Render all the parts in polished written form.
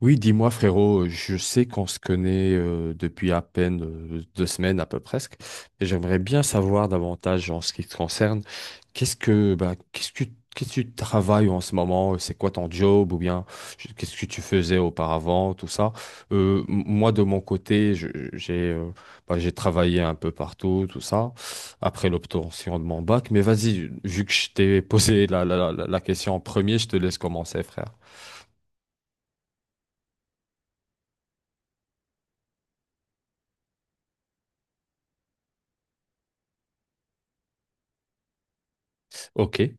Oui, dis-moi frérot, je sais qu'on se connaît depuis à peine deux semaines à peu presque, et j'aimerais bien savoir davantage en ce qui te concerne. Qu'est-ce que bah, qu'est-ce que qu'est-ce que tu travailles en ce moment? C'est quoi ton job ou bien qu'est-ce que tu faisais auparavant, tout ça? Moi de mon côté, j'ai bah, j'ai travaillé un peu partout, tout ça, après l'obtention de mon bac. Mais vas-y, vu que je t'ai posé la question en premier, je te laisse commencer, frère. Ok.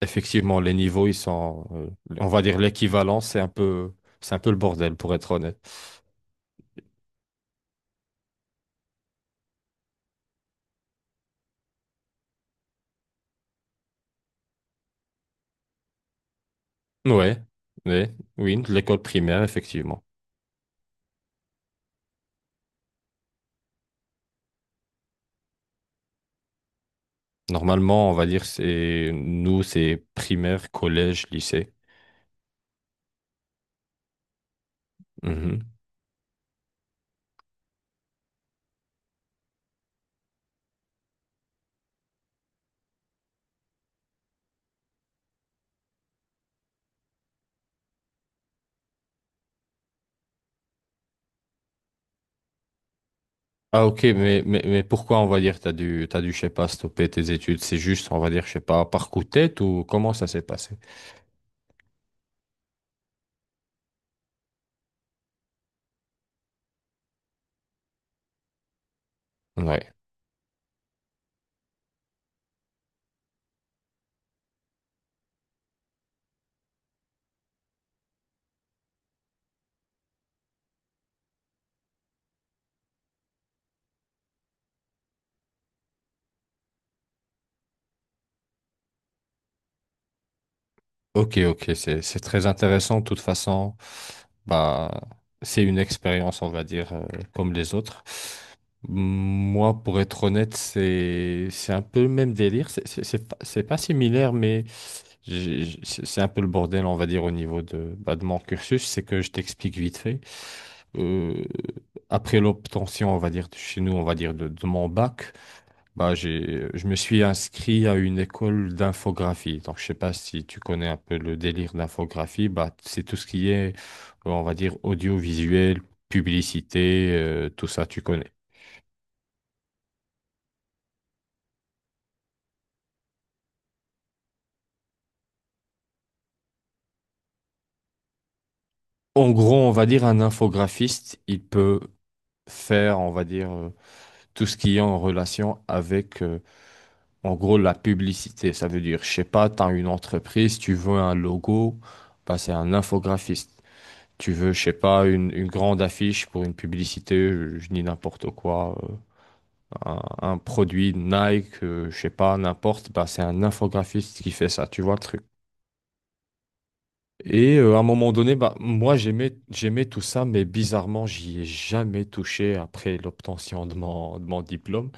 Effectivement, les niveaux, ils sont, on va dire l'équivalent, c'est un peu le bordel, pour être honnête. Ouais, ouais, oui, de l'école primaire, effectivement. Normalement, on va dire, c'est, nous, c'est primaire, collège, lycée. Mhm. Ah, ok, mais pourquoi, on va dire, t'as dû, je sais pas, stopper tes études? C'est juste, on va dire, je sais pas, par coup de tête ou comment ça s'est passé? Ouais. Ok, ok, c'est très intéressant. De toute façon, bah, c'est une expérience, on va dire, comme les autres. Moi, pour être honnête, c'est un peu le même délire. C'est pas, c'est pas similaire, mais c'est un peu le bordel, on va dire, au niveau de, bah, de mon cursus. C'est que je t'explique vite fait. Euh, Après l'obtention, on va dire, de chez nous, on va dire, de mon bac. Bah, j'ai, je me suis inscrit à une école d'infographie. Donc, je sais pas si tu connais un peu le délire d'infographie. Bah, c'est tout ce qui est, on va dire, audiovisuel, publicité, tout ça, tu connais. En gros, on va dire un infographiste, il peut faire, on va dire, tout ce qui est en relation avec, en gros, la publicité. Ça veut dire, je sais pas, tu as une entreprise, tu veux un logo, bah, c'est un infographiste. Tu veux, je sais pas, une grande affiche pour une publicité, je dis n'importe quoi, un produit Nike, je sais pas, n'importe, bah, c'est un infographiste qui fait ça, tu vois le truc. Et à un moment donné, bah, moi j'aimais tout ça, mais bizarrement, j'y ai jamais touché après l'obtention de mon diplôme.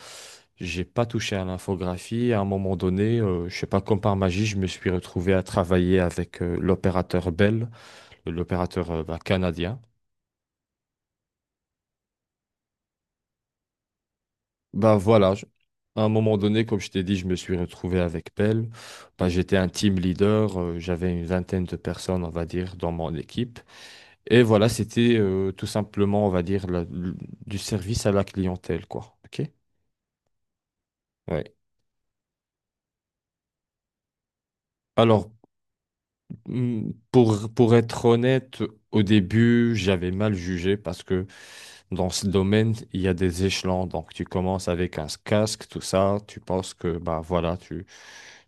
J'ai pas touché à l'infographie. À un moment donné, je sais pas, comme par magie, je me suis retrouvé à travailler avec l'opérateur Bell, l'opérateur bah, canadien. Ben voilà, à un moment donné, comme je t'ai dit, je me suis retrouvé avec Pell. Ben, j'étais un team leader, j'avais une vingtaine de personnes, on va dire, dans mon équipe. Et voilà, c'était tout simplement, on va dire, du service à la clientèle, quoi. OK? Ouais. Alors, pour être honnête, au début, j'avais mal jugé parce que dans ce domaine, il y a des échelons. Donc, tu commences avec un casque, tout ça. Tu penses que, bah voilà, tu,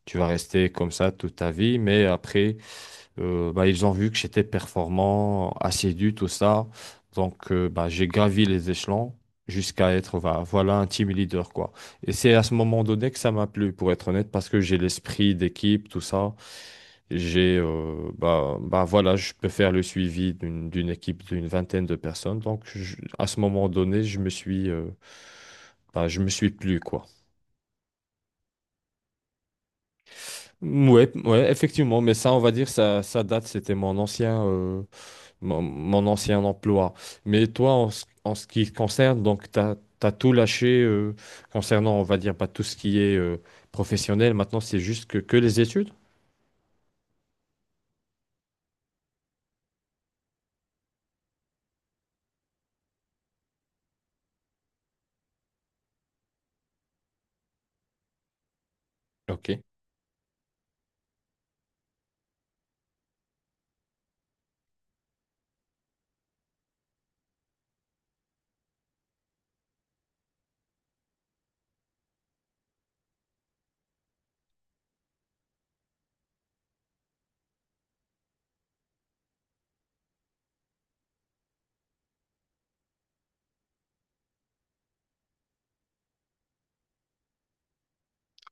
tu vas rester comme ça toute ta vie. Mais après, bah, ils ont vu que j'étais performant, assidu, tout ça. Donc, bah, j'ai gravi les échelons jusqu'à être, bah, voilà, un team leader, quoi. Et c'est à ce moment donné que ça m'a plu, pour être honnête, parce que j'ai l'esprit d'équipe, tout ça. J'ai, voilà, je peux faire le suivi d'une, d'une équipe d'une vingtaine de personnes. Donc, à ce moment donné, je me suis, bah, je me suis plu, quoi. Ouais, ouais, effectivement, mais ça, on va dire, ça date, c'était mon ancien. Mon, mon ancien emploi. Mais toi, ce en ce qui concerne, donc, tu as, tout lâché concernant, on va dire, pas tout ce qui est professionnel. Maintenant, c'est juste que les études? Ok.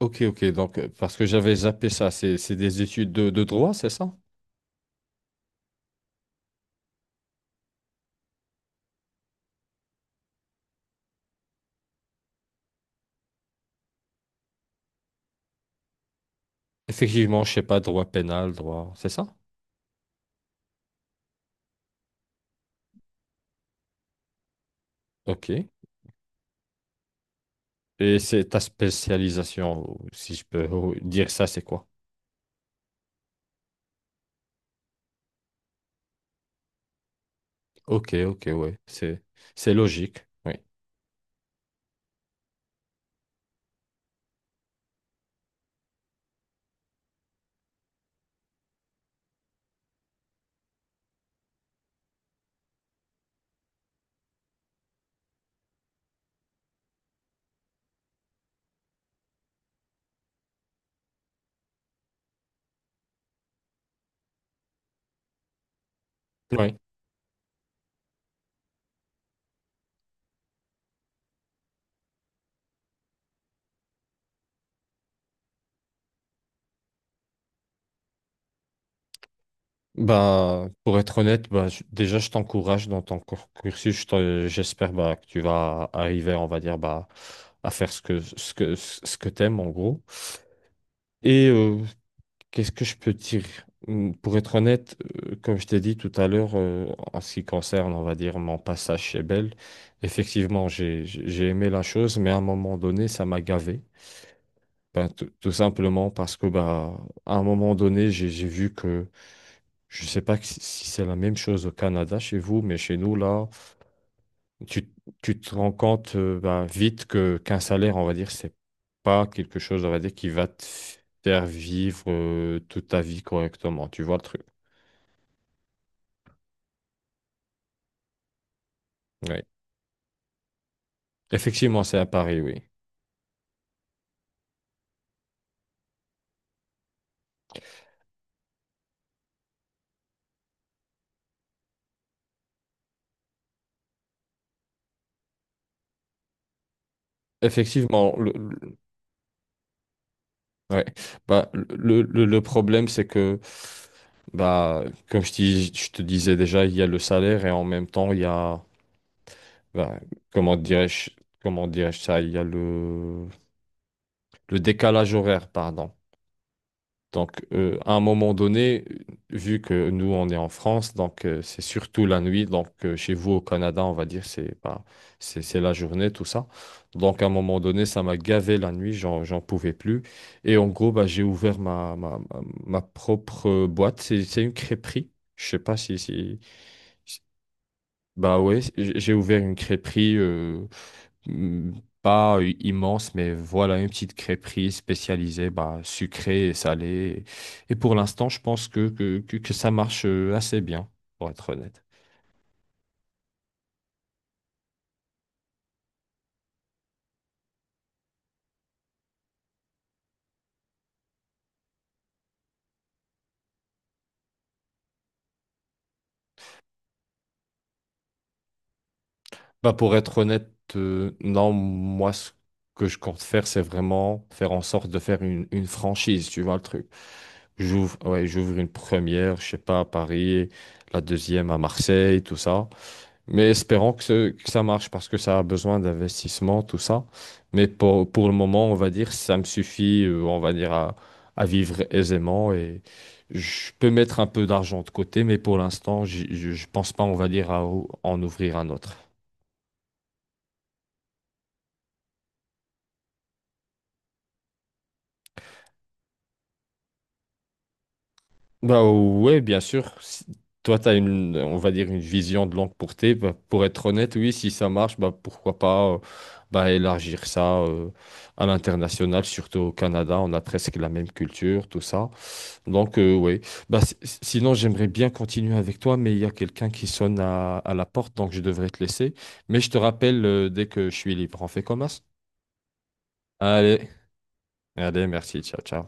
Ok, ok. Donc, parce que j'avais zappé ça, c'est des études de droit, c'est ça? Effectivement, je sais pas, droit pénal, droit, c'est ça? Ok. Et c'est ta spécialisation, ou si je peux dire ça, c'est quoi? Ok, ok, ouais. C'est logique. Oui. Bah, pour être honnête, bah, déjà, je t'encourage dans ton cursus. J'espère bah, que tu vas arriver, on va dire, bah, à faire ce que t'aimes, en gros. Et qu'est-ce que je peux dire? Pour être honnête, comme je t'ai dit tout à l'heure, en ce qui concerne, on va dire, mon passage chez Bell, effectivement, j'ai, j'ai aimé la chose, mais à un moment donné, ça m'a gavé. Ben, tout simplement parce que, bah, à un moment donné, j'ai vu que je ne sais pas si c'est la même chose au Canada chez vous, mais chez nous, là, tu, tu te rends compte ben, vite que qu'un salaire, on va dire, c'est pas quelque chose, on va dire, qui va te faire vivre toute ta vie correctement. Tu vois le truc. Ouais. Effectivement, c'est à Paris, oui. Effectivement, ouais. Bah, le problème, c'est que, bah, comme je te disais déjà, il y a le salaire et en même temps, il y a, bah, comment dirais-je, comment dirais-je ça, il y a le le décalage horaire, pardon. Donc, à un moment donné, vu que nous, on est en France, donc c'est surtout la nuit. Donc, chez vous au Canada, on va dire, c'est pas, c'est la journée, tout ça. Donc, à un moment donné, ça m'a gavé la nuit, j'en, j'en pouvais plus. Et en gros, bah, j'ai ouvert ma propre boîte. C'est une crêperie. Je sais pas si, si- Bah ouais, j'ai ouvert une crêperie. Hmm, Pas immense, mais voilà, une petite crêperie spécialisée, bah, sucrée et salée. Et pour l'instant, je pense que ça marche assez bien, pour être honnête. Bah, pour être honnête, non, moi, ce que je compte faire, c'est vraiment faire en sorte de faire une franchise, tu vois le truc. J'ouvre une première, je sais pas, à Paris, la deuxième à Marseille, tout ça. Mais espérons que, que ça marche parce que ça a besoin d'investissement, tout ça. Mais pour le moment, on va dire, ça me suffit, on va dire, à vivre aisément et je peux mettre un peu d'argent de côté, mais pour l'instant, je pense pas, on va dire, à en ouvrir un autre. Bah ouais, bien sûr. Si- Toi, tu as une, on va dire, une vision de longue portée. Bah, pour être honnête, oui, si ça marche, bah pourquoi pas bah, élargir ça à l'international, surtout au Canada, on a presque la même culture, tout ça. Donc, ouais. Bah, sinon, j'aimerais bien continuer avec toi, mais il y a quelqu'un qui sonne à la porte, donc je devrais te laisser. Mais je te rappelle, dès que je suis libre, on fait comme ça. Allez, allez, merci, ciao, ciao.